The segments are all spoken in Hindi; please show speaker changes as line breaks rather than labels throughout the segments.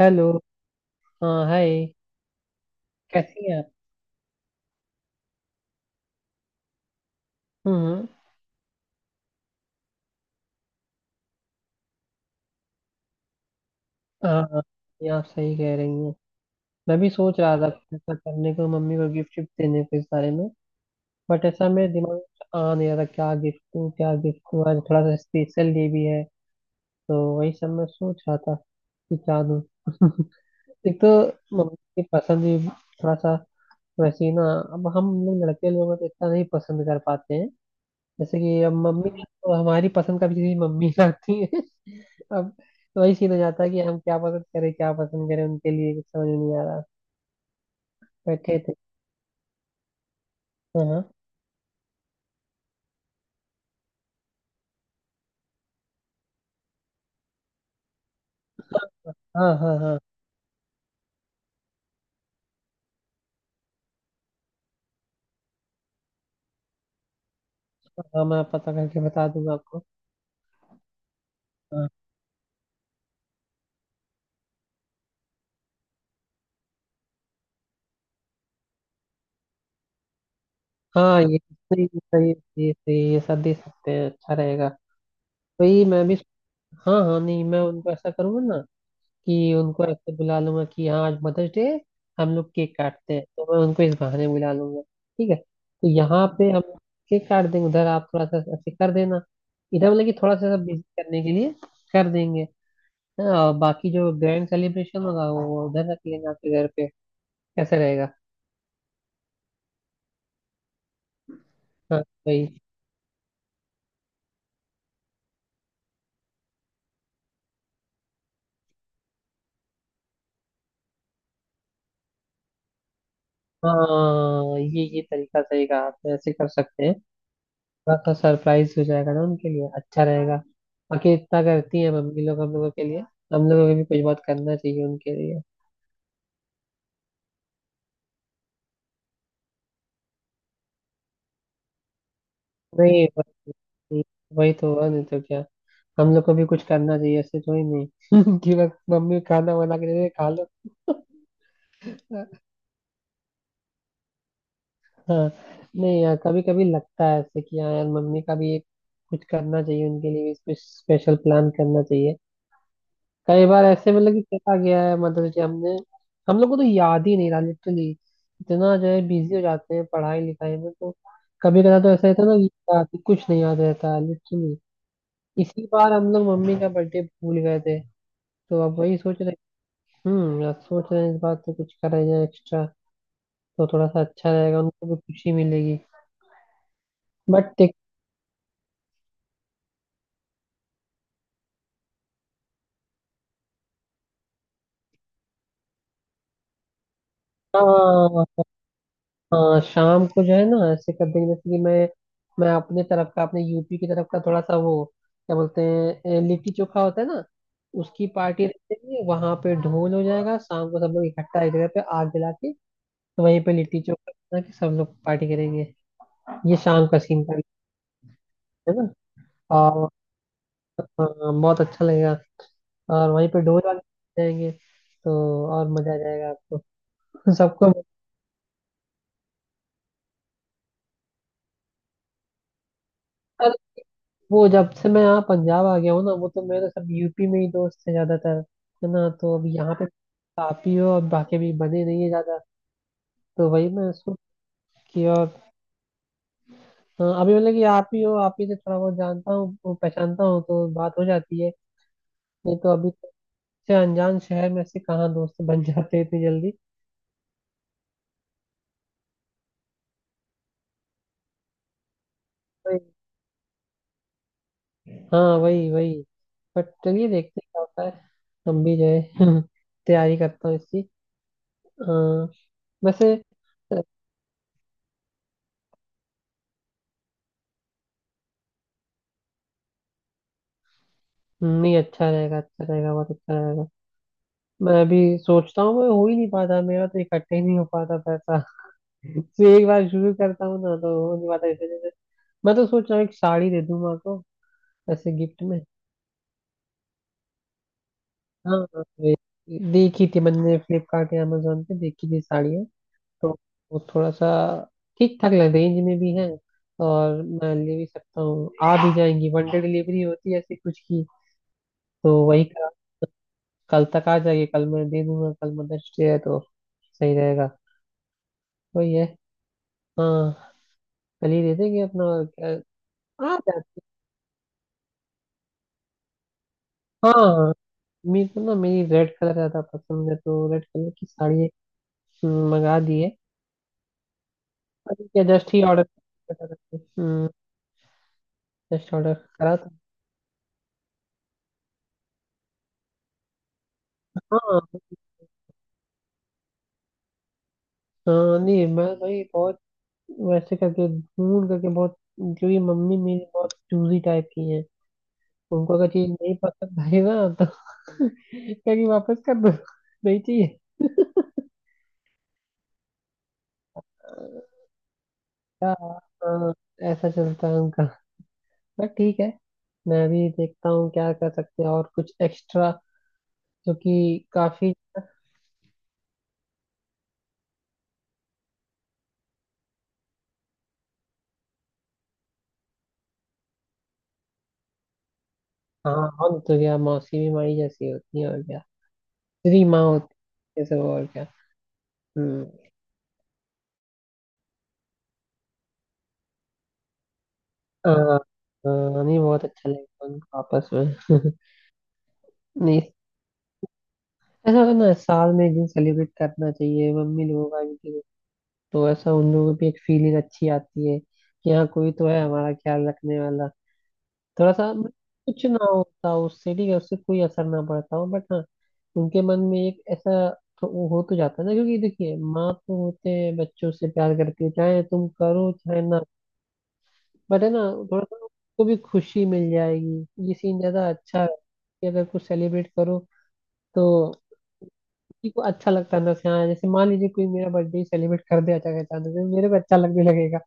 हेलो। हाँ, हाय। कैसी हैं आप? हम्म। हाँ, हाँ, ये आप सही कह रही हैं। मैं भी सोच रहा था कुछ ऐसा करने को, मम्मी को गिफ्ट शिफ्ट देने को, इस बारे में। बट ऐसा मेरे दिमाग में आ नहीं रहा था क्या गिफ्ट दूँ, क्या गिफ्ट दूँ। आज थोड़ा सा स्पेशल डे भी है तो वही सब मैं सोच रहा था कि क्या दूँ। एक तो मम्मी की पसंद भी थोड़ा सा वैसी ना। अब हम लोग लड़के लोग हैं तो इतना नहीं पसंद कर पाते हैं। जैसे कि अब मम्मी तो हमारी पसंद का भी चीज़ मम्मी लाती है। अब वही सीन हो जाता है कि हम क्या पसंद करें, क्या पसंद करें, उनके लिए कुछ समझ नहीं आ रहा। बैठे थे। हाँ, हाँ, हाँ, हाँ, हाँ, हाँ, मैं पता करके बता दूंगा आपको। हाँ, हाँ, ये सही सही सही सही, ये सब दे सकते हैं, अच्छा रहेगा। वही मैं भी। हाँ, हाँ, नहीं मैं उनको ऐसा करूंगा ना, कि उनको ऐसे बुला लूंगा कि हाँ आज मदर्स डे। हम लोग केक काटते हैं तो मैं उनको इस बहाने बुला लूंगा। ठीक है तो यहाँ पे हम केक काट देंगे, उधर आप थोड़ा सा ऐसे कर देना, इधर मतलब कि थोड़ा सा बिजी करने के लिए कर देंगे। हाँ और बाकी जो ग्रैंड सेलिब्रेशन होगा वो उधर रख लेना आपके घर पे, कैसे रहेगा? हाँ भाई। हाँ, ये तरीका सही कहा आपने, ऐसे कर सकते हैं। थोड़ा सा सरप्राइज हो जाएगा ना उनके लिए, अच्छा रहेगा। बाकी इतना करती है मम्मी लोग हम लोगों के लिए, हम लोगों को भी कुछ बहुत करना चाहिए उनके लिए। नहीं, वही वही तो हुआ, नहीं तो क्या। हम लोग को भी कुछ करना चाहिए, ऐसे थोड़ी नहीं कि बस मम्मी खाना बना के दे दे, खा लो। हाँ। नहीं यार, कभी कभी लगता है ऐसे कि हाँ यार मम्मी का भी एक कुछ करना चाहिए, उनके लिए भी कुछ स्पेशल प्लान करना चाहिए। कई बार ऐसे मतलब कि चला गया है मदर्स डे, हमने हम लोग को तो याद ही नहीं रहा लिटरली। इतना जो है बिजी हो जाते हैं पढ़ाई लिखाई में तो कभी कदा तो ऐसा रहता है ना कि कुछ नहीं याद रहता है लिटरली। इसी बार हम लोग मम्मी का बर्थडे भूल गए थे, तो अब वही सोच रहे। यार, सोच रहे हैं इस बार तो कुछ करें जाए एक्स्ट्रा। तो थोड़ा सा अच्छा रहेगा, उनको भी खुशी मिलेगी। बट हाँ। हाँ शाम को जो है ना ऐसे कर देंगे, जैसे कि मैं अपने तरफ का अपने यूपी की तरफ का थोड़ा सा वो क्या बोलते हैं, लिट्टी चोखा होता है ना। उसकी पार्टी रख देंगे, वहां पे ढोल हो जाएगा शाम को, सब लोग इकट्ठा एक जगह पे आग जला के, तो वहीं पे लिट्टी चोखा बना के सब लोग पार्टी करेंगे। ये शाम का सीन का, है ना। और हाँ, बहुत अच्छा लगेगा। और वहीं पे ढोल वाले जाएंगे तो और मजा आ जाएगा आपको। सबको। वो जब से मैं यहाँ पंजाब आ गया हूँ ना, वो तो मेरे सब यूपी में ही दोस्त है ज्यादातर, है ना। तो अब यहाँ पे आप ही हो, और बाकी भी बने नहीं है ज्यादा। तो वही मैं सोच कि और, हाँ, अभी मतलब कि आप ही हो, आप ही से थोड़ा बहुत जानता हूँ वो पहचानता हूँ तो बात हो जाती है। नहीं तो अभी तो से अनजान शहर में से कहाँ दोस्त बन जाते हैं इतनी जल्दी। वही। हाँ वही वही। बट चलिए देखते हैं क्या होता है। हम भी जो है तैयारी करता हूँ इसकी। हाँ। वैसे नहीं अच्छा रहेगा, अच्छा रहेगा, बहुत अच्छा रहेगा। मैं भी सोचता हूँ, मैं हो ही नहीं पाता, मेरा तो इकट्ठे ही नहीं हो पाता पैसा। तो एक बार शुरू करता हूँ ना तो हो नहीं पाता। जैसे जैसे मैं तो सोच रहा हूँ एक साड़ी दे दूँ माँ को ऐसे गिफ्ट में। हाँ, हाँ, देखी थी मैंने फ्लिपकार्ट या अमेजोन पे देखी थी साड़ियाँ। तो वो थोड़ा सा ठीक ठाक लग रेंज में भी है, और मैं ले भी सकता हूँ, आ भी जाएंगी। वन डे डिलीवरी होती है ऐसी कुछ की। तो वही कल, कल तक आ जाएगी, कल मैं दे दूंगा, कल मदर्स डे है तो सही रहेगा। वही है। हाँ, कल ही देते कि अपना और क्या आ जाते। हाँ, मेरे को ना मेरी रेड कलर ज्यादा पसंद है तो रेड कलर की साड़ी एक मंगा दी है। अभी क्या जस्ट ही ऑर्डर, हम्म, जस्ट ऑर्डर करा था। हाँ, हाँ, नहीं मैं भाई बहुत वैसे करके ढूंढ करके बहुत, क्योंकि मम्मी मेरी बहुत चूजी टाइप की है। उनको अगर चीज नहीं पसंद आई ना तो कहेगी वापस कर दो, नहीं चाहिए। हाँ, हाँ, ऐसा चलता है उनका। बट ठीक है, मैं भी देखता हूँ क्या कर सकते हैं और कुछ एक्स्ट्रा जो कि काफी। हाँ और तो क्या, मौसी भी माई जैसी होती है, और क्या। तेरी माँ होती है ये सब, और क्या। हम्म। आ, आ, नहीं बहुत अच्छा लगेगा उनको आपस में। नहीं, ऐसा होता है ना, साल में एक दिन सेलिब्रेट करना चाहिए मम्मी लोगों का भी। तो ऐसा उन लोगों को भी एक फीलिंग अच्छी आती है कि हाँ कोई तो है हमारा ख्याल रखने वाला। थोड़ा सा मतलब कुछ ना होता हो उससे, ठीक है उससे कोई असर ना पड़ता हो, बट हाँ उनके मन में एक ऐसा, तो वो हो तो जाता है ना, क्योंकि देखिए माँ तो होते हैं बच्चों से प्यार करती है चाहे तुम करो चाहे ना। बट है ना, थोड़ा सा उसको भी खुशी मिल जाएगी। ये सीन ज्यादा अच्छा है कि अगर कुछ सेलिब्रेट करो तो किसी को अच्छा लगता है ना। हाँ, जैसे मान लीजिए कोई मेरा बर्थडे सेलिब्रेट कर दे अचानक, अचानक से, मेरे को अच्छा लगने लगेगा।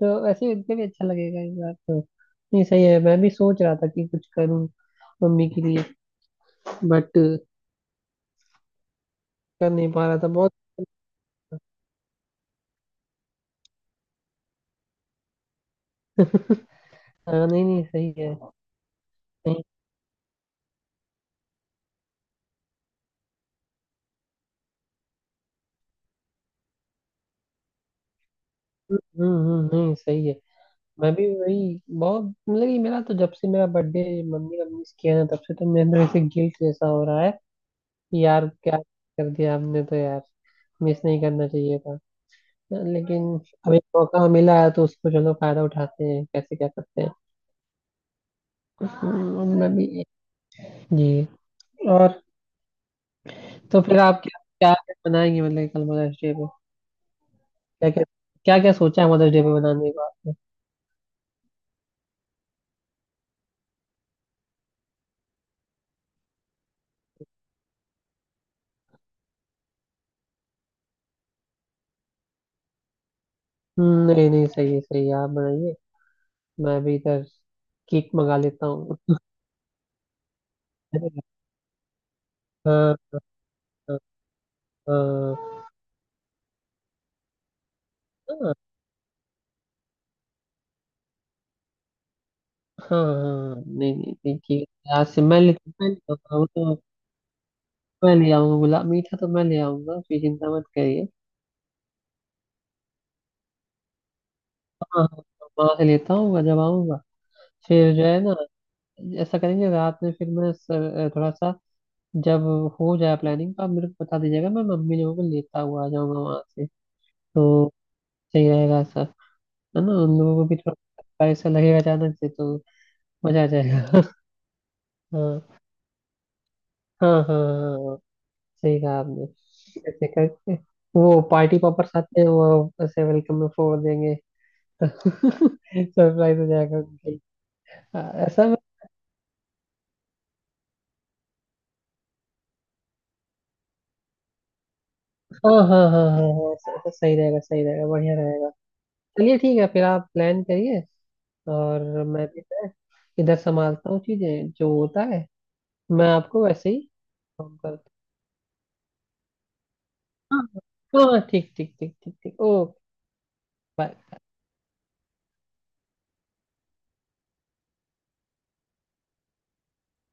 तो वैसे उनको भी अच्छा लगेगा इस बार तो। नहीं सही है, मैं भी सोच रहा था कि कुछ करूं मम्मी के लिए, बट कर नहीं पा रहा था बहुत। हाँ, नहीं, नहीं सही है। नहीं। हम्म, नहीं सही है। मैं भी वही बहुत मतलब कि मेरा तो, जब से मेरा बर्थडे मम्मी ने मिस किया ना, तब से तो मेरे अंदर ऐसे गिल्ट जैसा हो रहा है कि यार क्या कर दिया हमने, तो यार मिस नहीं करना चाहिए था। लेकिन अब एक मौका मिला है तो उसको चलो फायदा उठाते हैं, कैसे क्या करते हैं। मैं भी। जी। और, तो फिर आप क्या क्या क्या बनाएंगे मतलब कल मदर्स डे पे, क्या क्या क्या क्या सोचा है मदर्स डे पे बनाने का आपने? नहीं, नहीं सही है, सही है, आप बनाइए। मैं भी इधर केक मंगा लेता हूँ। हाँ, हाँ, हाँ, हाँ, हाँ, नहीं, नहीं, नहीं ठीक है, आज से मैं ले आऊंगा वो तो। मैं ले आऊंगा, गुलाब मीठा तो मैं ले आऊंगा, फिर चिंता मत करिए। हाँ, हाँ, हाँ, वहाँ से लेता हूँ जब आऊंगा। फिर जो है ना, ऐसा करेंगे रात में। फिर मैं थोड़ा सा, जब हो जाए प्लानिंग तो आप मेरे को बता दीजिएगा, मैं मम्मी लोगों को लेता हुआ आ जाऊंगा वहां से। तो सही रहेगा सब, है ना। उन लोगों को भी थोड़ा पैसा लगेगा अचानक से, तो मजा आ जाएगा। हाँ, हाँ, हाँ, हाँ। सही कहा आपने। ऐसे करके, वो पार्टी पॉपर्स आते हैं वो ऐसे वेलकम में फोड़ देंगे, तो सरप्राइज हो जाएगा उनके लिए। हाँ, ऐसा, हाँ, हाँ, हाँ, हाँ, हाँ, ऐसा ऐसा सही रहेगा, सही रहेगा, बढ़िया रहेगा। चलिए ठीक है, फिर आप प्लान करिए, और मैं भी, मैं इधर संभालता हूँ चीजें जो होता है। मैं आपको वैसे ही फोन करता हूँ। हाँ, हाँ, हाँ, ठीक ठीक ठीक ठीक ठीक, ओके। बाय।